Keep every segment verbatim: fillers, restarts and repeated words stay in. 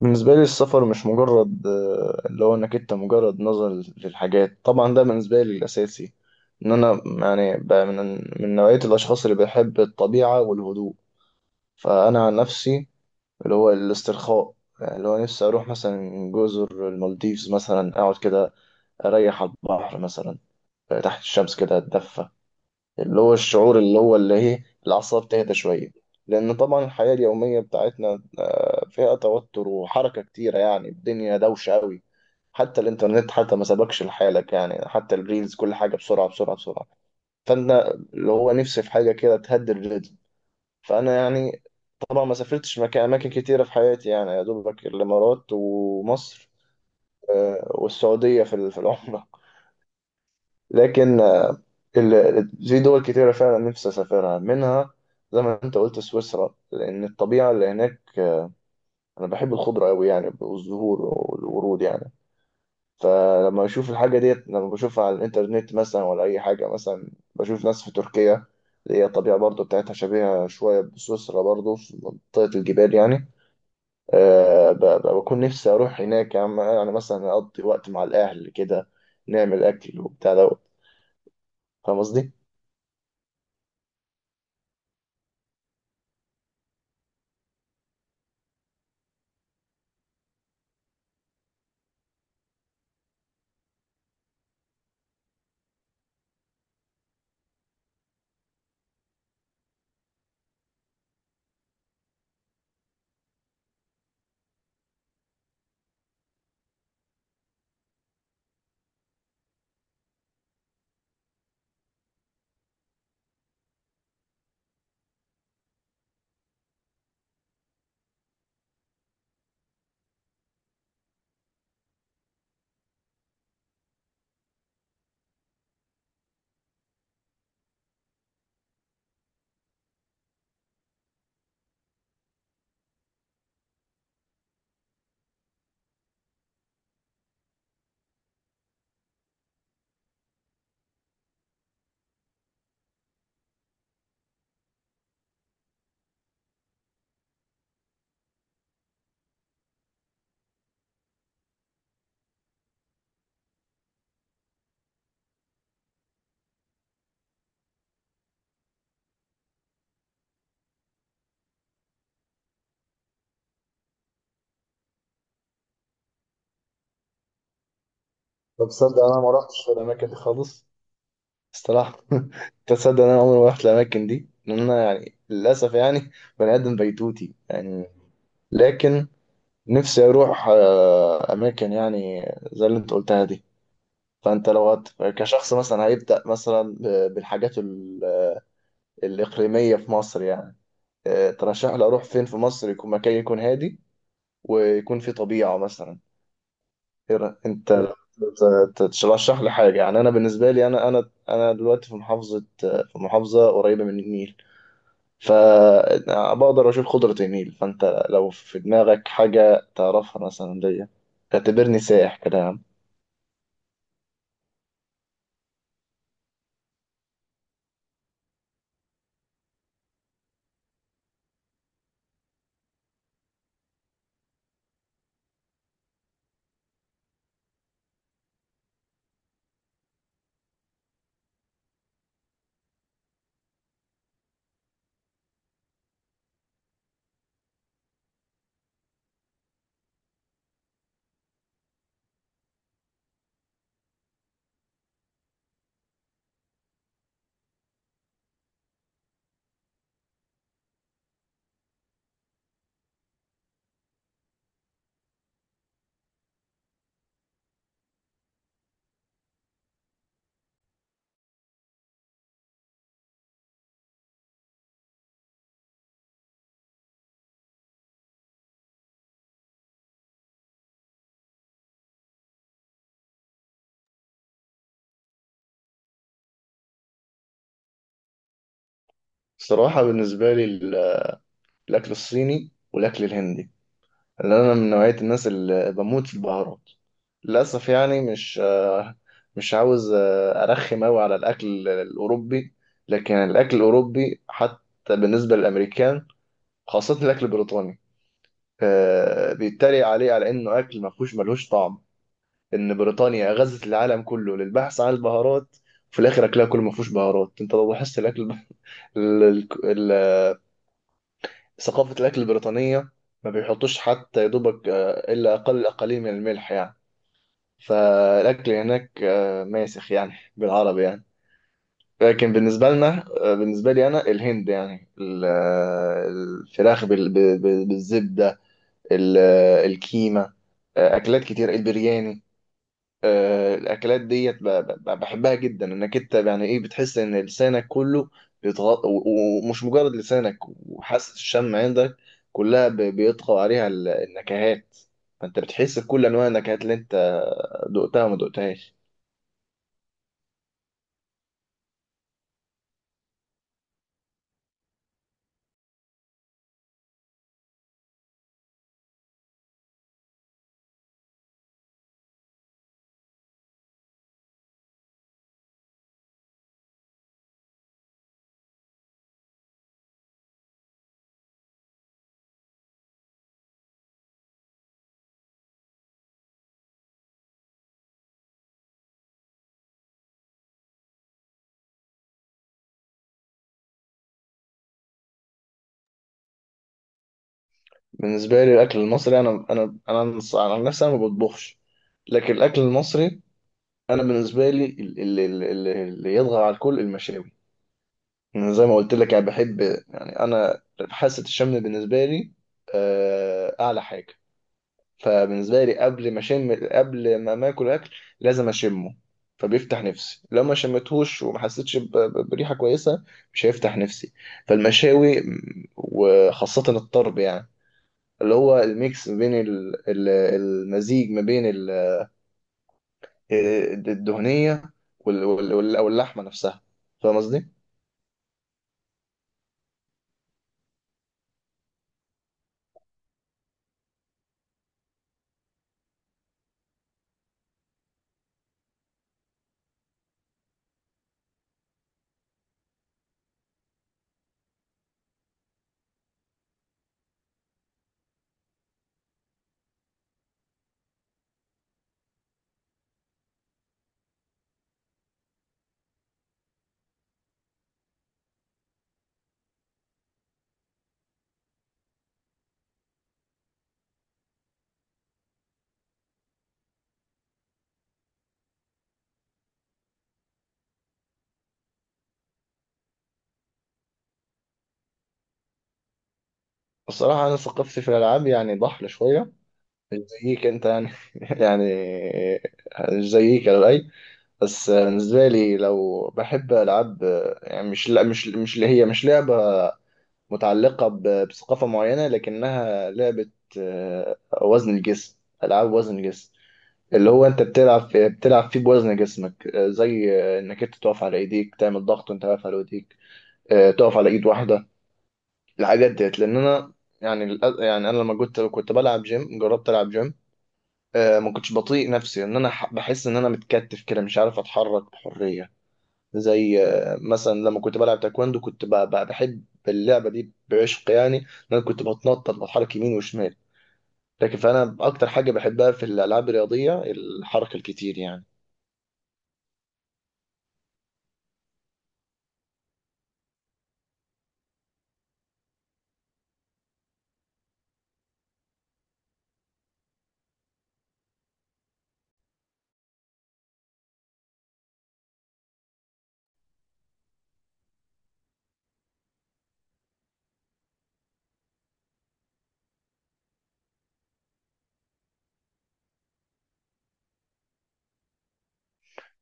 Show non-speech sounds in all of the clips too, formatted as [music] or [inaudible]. بالنسبة لي السفر مش مجرد آه، اللي هو انك انت مجرد نظر للحاجات. طبعا ده بالنسبة لي الأساسي ان انا يعني بقى من من نوعية الأشخاص اللي بيحب الطبيعة والهدوء. فأنا عن نفسي اللي هو الاسترخاء، يعني اللي هو نفسي أروح مثلا جزر المالديفز مثلا، أقعد كده أريح على البحر مثلا، آه، تحت الشمس كده أتدفى. اللي هو الشعور اللي هو اللي هي الأعصاب تهدى شوية، لأن طبعا الحياة اليومية بتاعتنا آه، فيها توتر وحركة كتيرة. يعني الدنيا دوشة أوي، حتى الإنترنت حتى ما سبقش لحالك، يعني حتى الريلز كل حاجة بسرعة بسرعة بسرعة. فأنا اللي هو نفسي في حاجة كده تهدي الريتم. فأنا يعني طبعا ما سافرتش مكان، أماكن كتيرة في حياتي يعني يا دوبك الإمارات ومصر آه، والسعودية في ال- في العمرة. لكن آه، ال- في دول كتيرة فعلا نفسي أسافرها منها، زي ما أنت قلت سويسرا، لأن الطبيعة اللي هناك، آه، أنا بحب الخضرة أوي يعني، والزهور والورود يعني. فلما بشوف الحاجة ديت، لما بشوفها على الإنترنت مثلا ولا أي حاجة، مثلا بشوف ناس في تركيا اللي هي الطبيعة برضو بتاعتها شبيهة شوية بسويسرا، برضو في منطقة الجبال يعني. أه ب- ب- بكون نفسي أروح هناك يعني. أنا مثلا أقضي وقت مع الأهل كده، نعمل أكل وبتاع دوت. فاهم قصدي؟ طب تصدق انا ما رحتش في الاماكن دي خالص، الصراحه. [laughs] تصدق ان انا عمري ما رحت الاماكن دي، لان انا يعني للاسف يعني بني ادم بيتوتي يعني. لكن نفسي اروح آه، اماكن يعني زي اللي انت قلتها دي. فانت لو هت... كشخص مثلا هيبدا مثلا ب- بالحاجات ال- الاقليميه في مصر يعني، آه، ترشح لي اروح فين في مصر، يكون مكان يكون هادي ويكون فيه طبيعه مثلا. إيه رأ- انت ت- ت- ترشح لي حاجه يعني. انا بالنسبه لي انا انا انا دلوقتي في محافظه، في محافظه قريبه من النيل، فبقدر اشوف خضره النيل. فانت لو في دماغك حاجه تعرفها مثلا ليا، اعتبرني سائح كده يا عم. الصراحه بالنسبه لي ال- الاكل الصيني والاكل الهندي، اللي انا من نوعية الناس اللي بموت في البهارات. للاسف يعني مش آه، مش عاوز آه، ارخم قوي على الاكل الاوروبي، لكن الاكل الاوروبي حتى بالنسبة للامريكان، خاصة الاكل البريطاني، آه، بيتريق عليه على انه اكل ما فيهوش ملهوش طعم. ان بريطانيا غزت العالم كله للبحث عن البهارات، في الاخر اكلها كله ما فيهوش بهارات. انت لو لاحظت الاكل الب- ال- ال- ال- ثقافة الاكل البريطانية، ما بيحطوش حتى يا دوبك آه، الا اقل قليل من الملح يعني. فالاكل هناك آه، ماسخ يعني بالعربي يعني. لكن بالنسبه لنا آه، بالنسبه لي انا، الهند يعني ال- آه، الفراخ بال- ب- ب- بالزبده، ال- آه، الكيمه، آه، اكلات كتير، البرياني، آه، الاكلات ديت ب- ب- بحبها جدا. انك انت يعني ايه بتحس ان لسانك كله بيتغط... و- و- ومش مجرد لسانك، وحاسه الشم عندك كلها ب- بيطغى عليها ال- النكهات، فانت بتحس بكل انواع النكهات اللي انت دقتها وما دقتهاش. بالنسبة لي الأكل المصري، أنا أنا أنا نص- أنا عن نفسي أنا ما بطبخش. لكن الأكل المصري أنا بالنسبة لي ال- ال- ال- ال- اللي يطغى على الكل المشاوي. أنا زي ما قلت لك أنا بحب يعني، أنا حاسة الشم بالنسبة لي آه، أعلى حاجة. فبالنسبة لي قبل ما أشم، قبل ما ما آكل أكل لازم أشمه، فبيفتح نفسي. لو ما شمتهوش وما حسيتش ب- ب- بريحة كويسة، مش هيفتح نفسي. فالمشاوي م، وخاصة الطرب يعني، اللي هو الميكس ما بين ال- ال- المزيج ما بين ال- الدهنية وال- وال- وال- أو اللحمة نفسها. فاهم قصدي؟ الصراحة أنا ثقافتي في الألعاب يعني ضحلة شوية، مش زيك أنت يعني. [laughs] يعني مش زيك على الأقل. بس بالنسبة لي لو بحب ألعاب، يعني مش لا مش مش اللي هي مش لعبة متعلقة ب- بثقافة معينة، لكنها لعبة آه، وزن الجسم، ألعاب وزن الجسم. اللي هو انت بتلعب في بتلعب فيه بوزن جسمك، آه، زي آه، انك انت تقف على ايديك تعمل ضغط وانت واقف على ايديك، آه، تقف على ايد واحده. الحاجات ديت لان انا يعني للأ- يعني انا لما كنت كنت بلعب جيم، جربت العب جيم آه، ما كنتش بطيء نفسي، ان انا ح- بحس ان انا متكتف كده مش عارف اتحرك بحريه. زي آه، مثلا لما كنت بلعب تايكوندو، كنت ب- ب- بحب اللعبه دي، بعشق يعني ان انا كنت بتنطط، بتحرك يمين وشمال. لكن فانا اكتر حاجه بحبها في الالعاب الرياضيه الحركه الكتير يعني.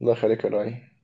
الله يخليك يا لؤي.